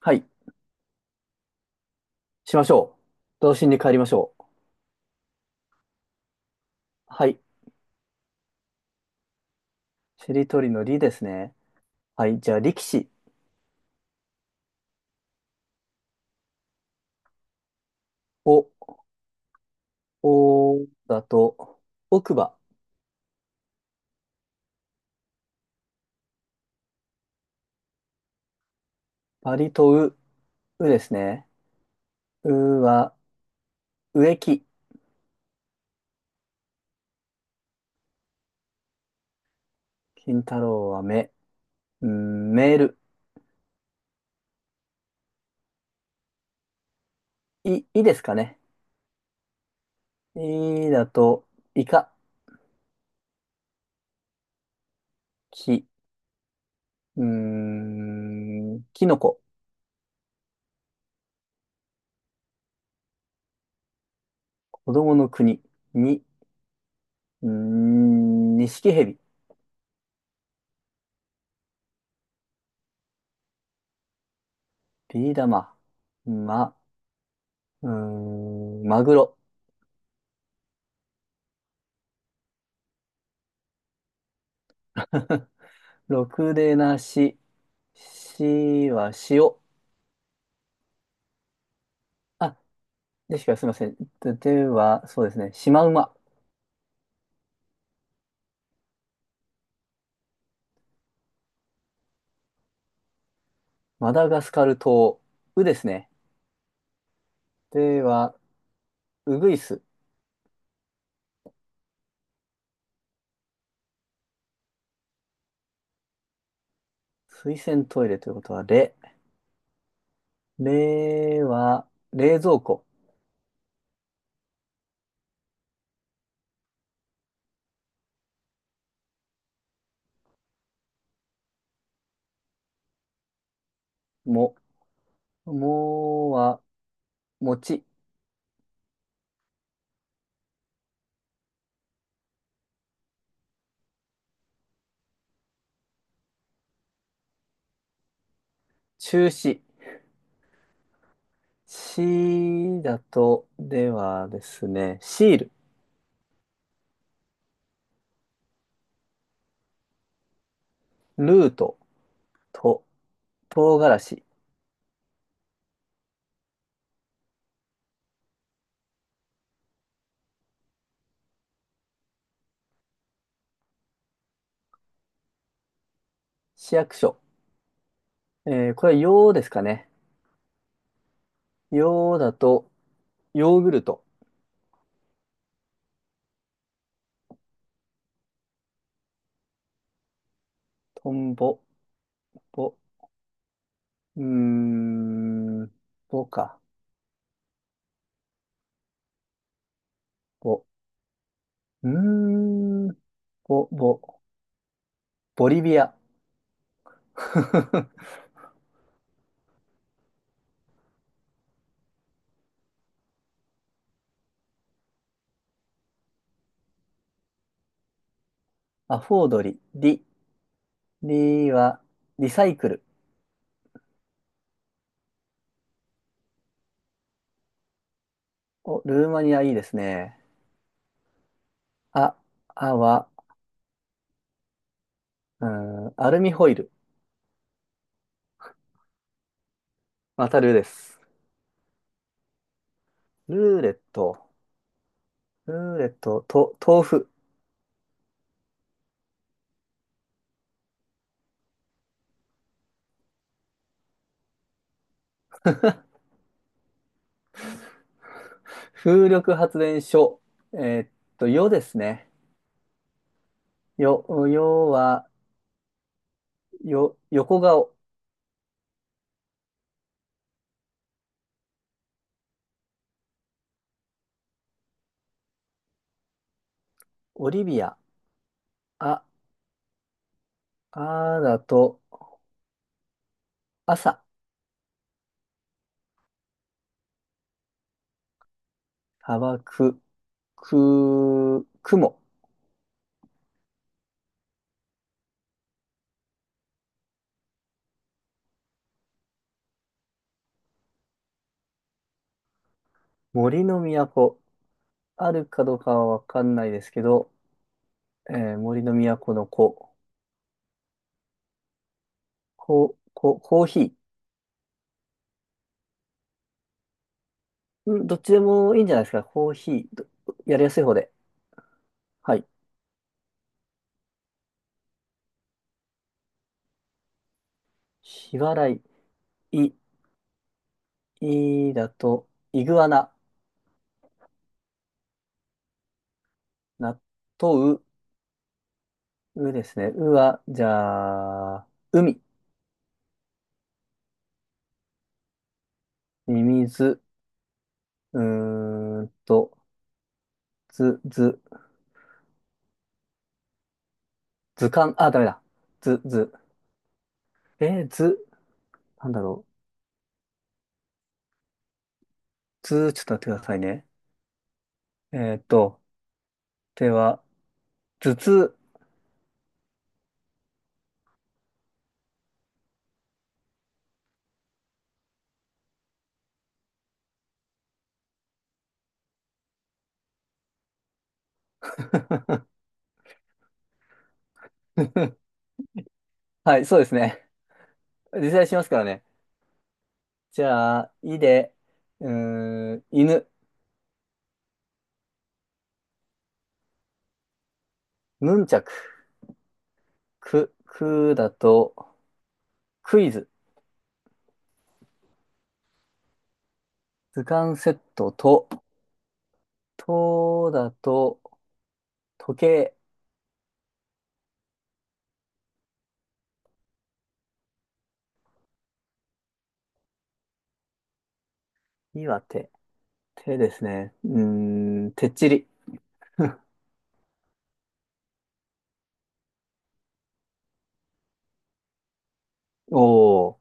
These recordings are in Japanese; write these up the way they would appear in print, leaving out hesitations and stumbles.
はい。しましょう。童心に帰りましょう。はい。しりとりのりですね。はい。じゃあ、力士。お、おだと、奥歯。パリとう、うですね。うは、植木。金太郎は目。うんメール。い、いですかね。いだと、イカ。き、キノコ。子供の国。に、ニシキヘビ。ビー玉。ま、マグロ。ろくでなし。しは塩。あ、でしか、すみません。で、では、そうですね。シマウマ。マダガスカル島。うですね。では、うぐいす。水洗トイレということは、れ。れは、冷蔵庫。も。もは、餅。中止。しだと、ではですね。シール。ルート。と。唐辛子。市役所。えーこれは、ようですかね。ようだと、ヨーグルト。トンボ、ボ、うーん、ボか、ボ、うーん、ボ、ボ、ボリビア。アフォードリ、リ、リは、リサイクル。お、ルーマニアいいですね。あ、あは、アルミホイル。またルーです。ルーレット、ルーレット、と、豆腐。風力発電所。えーっよですね。よ、よは、よ、横顔。オリビア。あ、あだと、朝、砂漠、く、雲、森の都、あるかどうかはわかんないですけど、森の都の子、こ、こ、コーヒー。うん、どっちでもいいんじゃないですか。コーヒー、どやりやすい方で。はい。日払い、い、いだと、イグアナ、納豆、うですね。うは、じゃあ、海、ミミズ、うーんと、ず、ず、図鑑、あ、ダメだ。図、図。図、なんだろう。図、ちょっと待ってくださいね。えーっと、では、頭痛。はい、そうですね。実際しますからね。じゃあ、いで、犬、ヌンチャク、く、くだと、クイズ、図鑑セットと、とだと、時計、いは手、手ですね。てっちり。おー。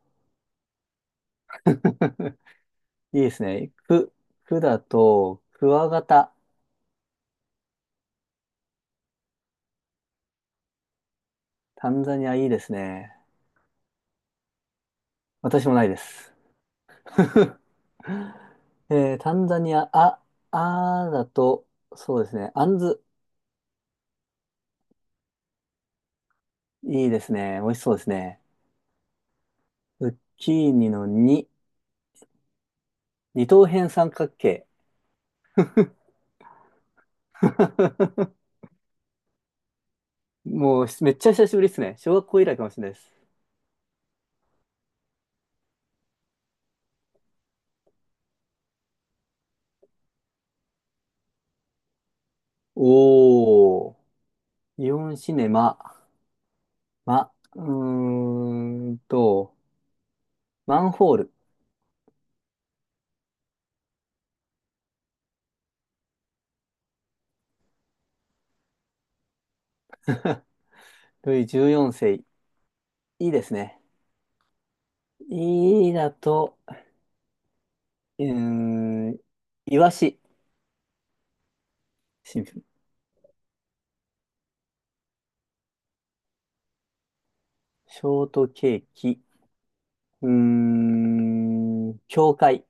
いいですね。く、くだと、クワガタ。タンザニアいいですね。私もないです。タンザニア、あ、あーだと、そうですね。アンズ。いいですね。美味しそうですね。ズッキーニのに二等辺三角形。もう、めっちゃ久しぶりですね。小学校以来かもしれないです。おー。イオンシネマ。ま、マンホール。ルイ14世いいですね。いいだと、うーん、いわし、シンプル。ショートケーキ、教会。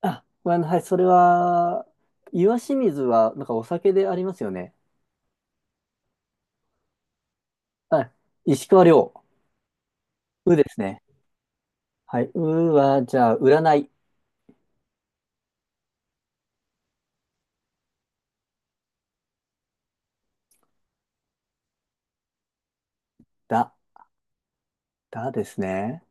あ、ごめんなさい。それは、いわし水は、なんかお酒でありますよね。はい。石川遼。うですね。はい。うは、じゃあ、占い。だ。だですね。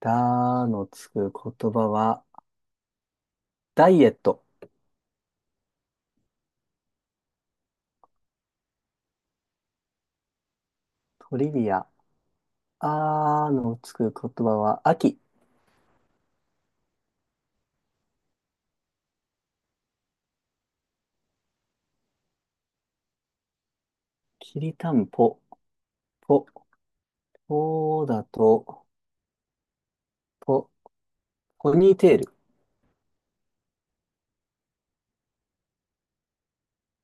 だのつく言葉は、ダイエット。トリビア。あのつく言葉は、秋。きりたんぽ。ぽ。そうだと、ポ、ポニーテール。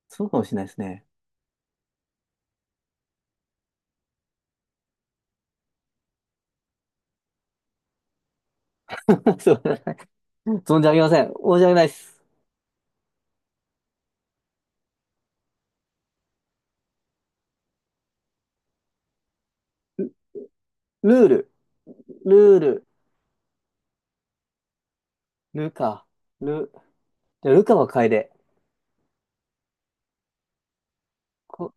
そうかもしれないですね。そう、存じ上げません。申し訳ないです。ルルール。ルール。ルカ。ル、じゃあルカは楓。こ、